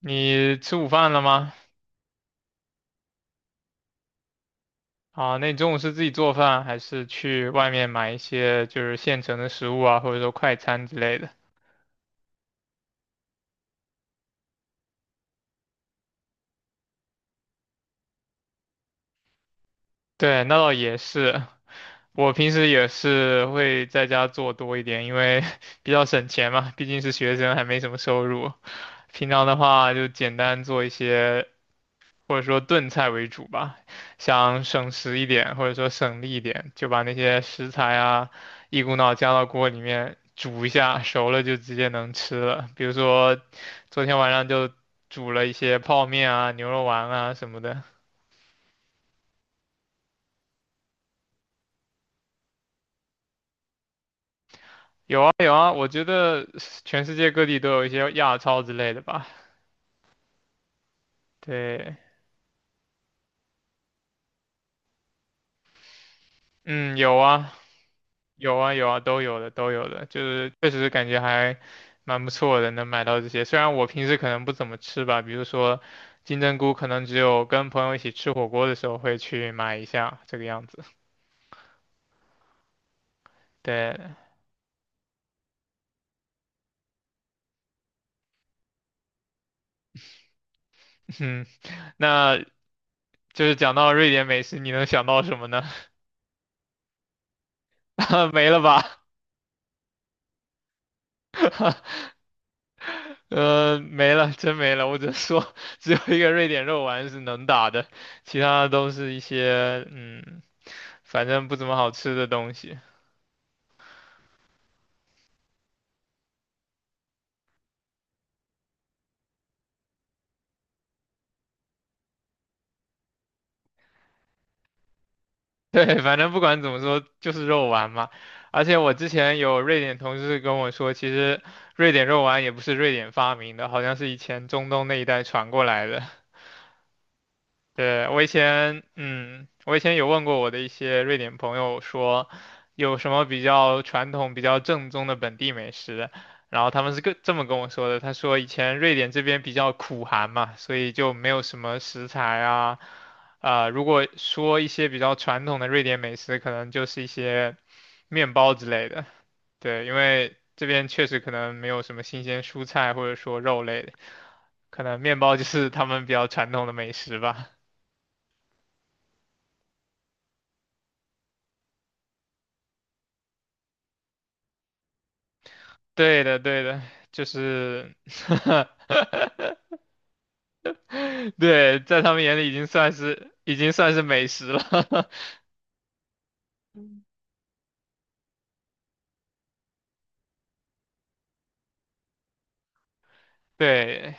你吃午饭了吗？那你中午是自己做饭，还是去外面买一些就是现成的食物啊，或者说快餐之类的？对，那倒也是。我平时也是会在家做多一点，因为 比较省钱嘛，毕竟是学生，还没什么收入。平常的话就简单做一些或者说炖菜为主吧，想省时一点，或者说省力一点，就把那些食材啊一股脑加到锅里面煮一下，熟了就直接能吃了。比如说昨天晚上就煮了一些泡面啊、牛肉丸啊什么的。有啊有啊，我觉得全世界各地都有一些亚超之类的吧。对，嗯，有啊。有啊有啊，都有的都有的，就是确实感觉还蛮不错的，能买到这些。虽然我平时可能不怎么吃吧，比如说金针菇，可能只有跟朋友一起吃火锅的时候会去买一下，这个样子。对，嗯，那就是讲到瑞典美食，你能想到什么呢？没了吧？没了，真没了。我只能说，只有一个瑞典肉丸是能打的，其他的都是一些反正不怎么好吃的东西。对，反正不管怎么说，就是肉丸嘛。而且我之前有瑞典同事跟我说，其实瑞典肉丸也不是瑞典发明的，好像是以前中东那一带传过来的。对，我以前，我以前有问过我的一些瑞典朋友说，有什么比较传统、比较正宗的本地美食，然后他们是这么跟我说的，他说以前瑞典这边比较苦寒嘛，所以就没有什么食材啊，如果说一些比较传统的瑞典美食，可能就是一些面包之类的，对，因为这边确实可能没有什么新鲜蔬菜或者说肉类的，可能面包就是他们比较传统的美食吧。对的，对的，就是，对，在他们眼里已经算是美食了。对，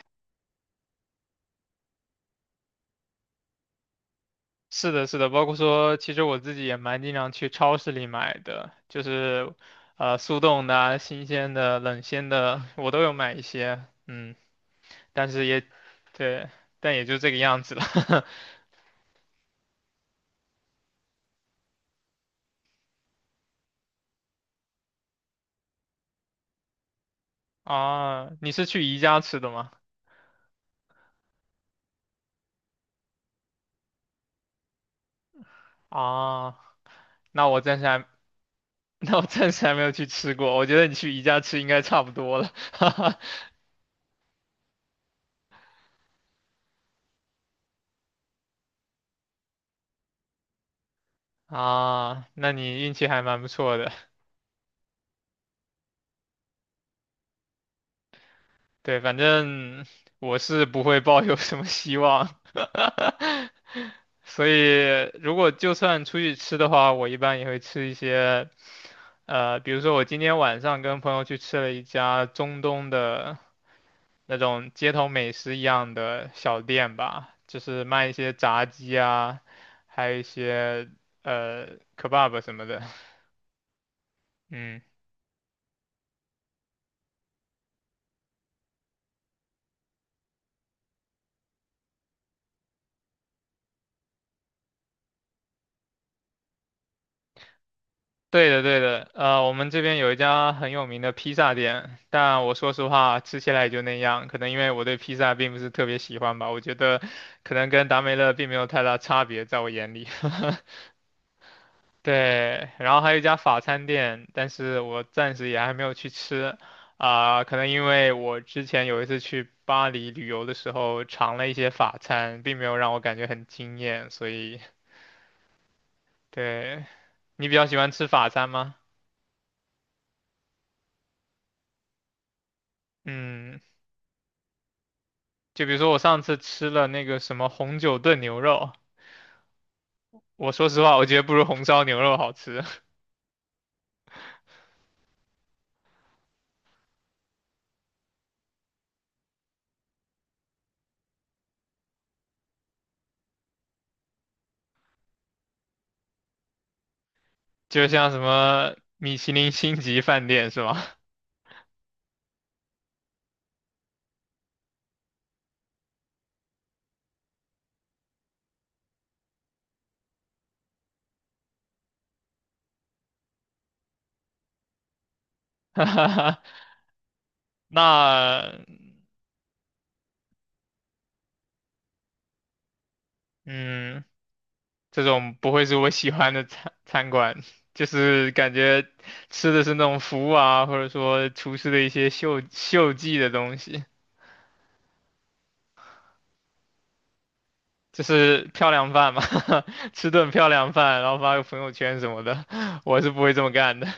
是的，是的，包括说，其实我自己也蛮经常去超市里买的，就是，速冻的啊新鲜的、冷鲜的，我都有买一些，嗯，但是也，对，但也就这个样子了。啊，你是去宜家吃的吗？啊，那我暂时还 那我暂时还没有去吃过，我觉得你去宜家吃应该差不多了。哈哈，啊，那你运气还蛮不错的。对，反正我是不会抱有什么希望，所以如果就算出去吃的话，我一般也会吃一些，比如说我今天晚上跟朋友去吃了一家中东的那种街头美食一样的小店吧，就是卖一些炸鸡啊，还有一些kebab 什么的，嗯。对的，对的，我们这边有一家很有名的披萨店，但我说实话，吃起来也就那样。可能因为我对披萨并不是特别喜欢吧，我觉得可能跟达美乐并没有太大差别，在我眼里。对，然后还有一家法餐店，但是我暂时也还没有去吃，可能因为我之前有一次去巴黎旅游的时候尝了一些法餐，并没有让我感觉很惊艳，所以，对，你比较喜欢吃法餐吗？嗯。就比如说我上次吃了那个什么红酒炖牛肉，我说实话，我觉得不如红烧牛肉好吃。就像什么米其林星级饭店是吗？那嗯，这种不会是我喜欢的餐馆，就是感觉吃的是那种服务啊，或者说厨师的一些秀技的东西，就是漂亮饭嘛，吃顿漂亮饭，然后发个朋友圈什么的，我是不会这么干的。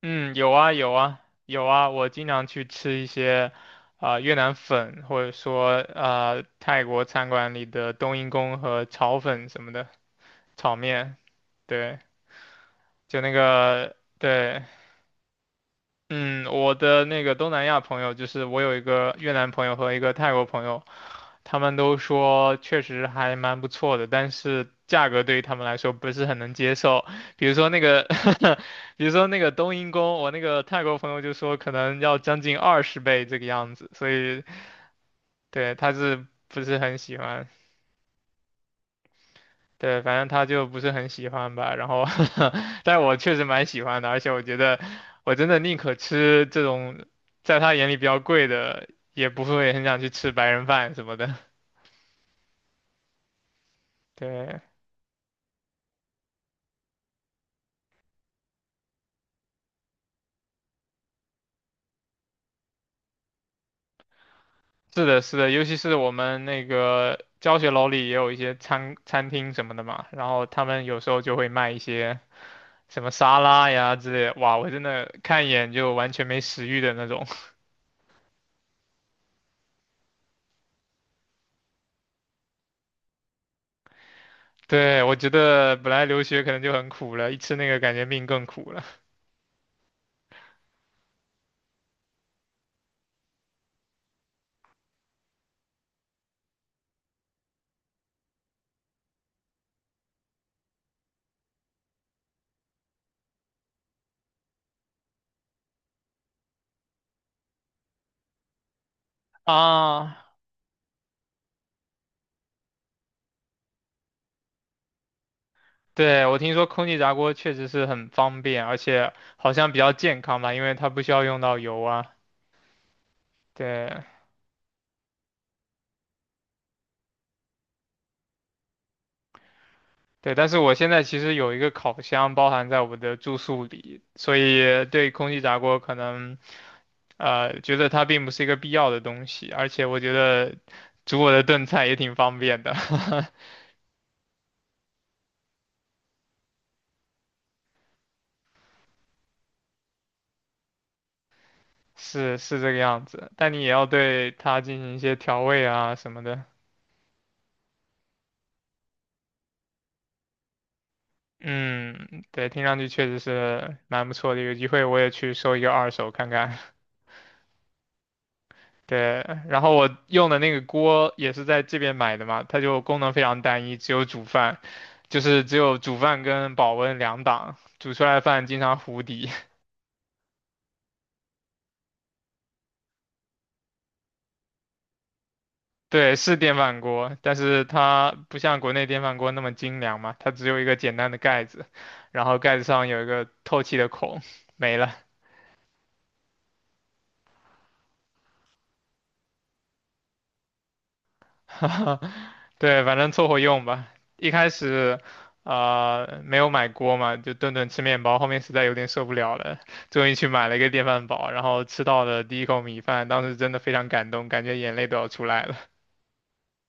嗯，有啊有啊有啊，我经常去吃一些越南粉，或者说泰国餐馆里的冬阴功和炒粉什么的，炒面，对，就那个对嗯，我的那个东南亚朋友，就是我有一个越南朋友和一个泰国朋友，他们都说确实还蛮不错的，但是价格对于他们来说不是很能接受。比如说那个，比如说那个冬阴功，我那个泰国朋友就说可能要将近20倍这个样子，所以对他是不是很喜欢？对，反正他就不是很喜欢吧，然后，但我确实蛮喜欢的，而且我觉得我真的宁可吃这种在他眼里比较贵的，也不会很想去吃白人饭什么的。对，是的，是的，尤其是我们那个教学楼里也有一些餐厅什么的嘛，然后他们有时候就会卖一些什么沙拉呀之类的哇，我真的看一眼就完全没食欲的那种。对，我觉得本来留学可能就很苦了，一吃那个感觉命更苦了。啊，对，我听说空气炸锅确实是很方便，而且好像比较健康吧，因为它不需要用到油啊。对，对，但是我现在其实有一个烤箱包含在我的住宿里，所以对空气炸锅可能觉得它并不是一个必要的东西，而且我觉得煮我的炖菜也挺方便的，是是这个样子。但你也要对它进行一些调味啊什么的。嗯，对，听上去确实是蛮不错的，有机会我也去收一个二手看看。对，然后我用的那个锅也是在这边买的嘛，它就功能非常单一，只有煮饭，就是只有煮饭跟保温两档，煮出来的饭经常糊底。对，是电饭锅，但是它不像国内电饭锅那么精良嘛，它只有一个简单的盖子，然后盖子上有一个透气的孔，没了。对，反正凑合用吧。一开始，啊，没有买锅嘛，就顿顿吃面包，后面实在有点受不了了，终于去买了一个电饭煲，然后吃到了第一口米饭，当时真的非常感动，感觉眼泪都要出来了。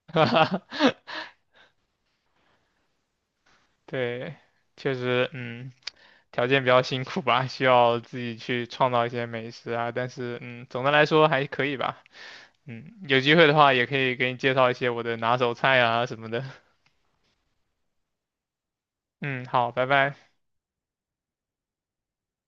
对，确实，条件比较辛苦吧，需要自己去创造一些美食啊，但是，总的来说还可以吧。嗯，有机会的话也可以给你介绍一些我的拿手菜啊什么的。嗯，好，拜拜。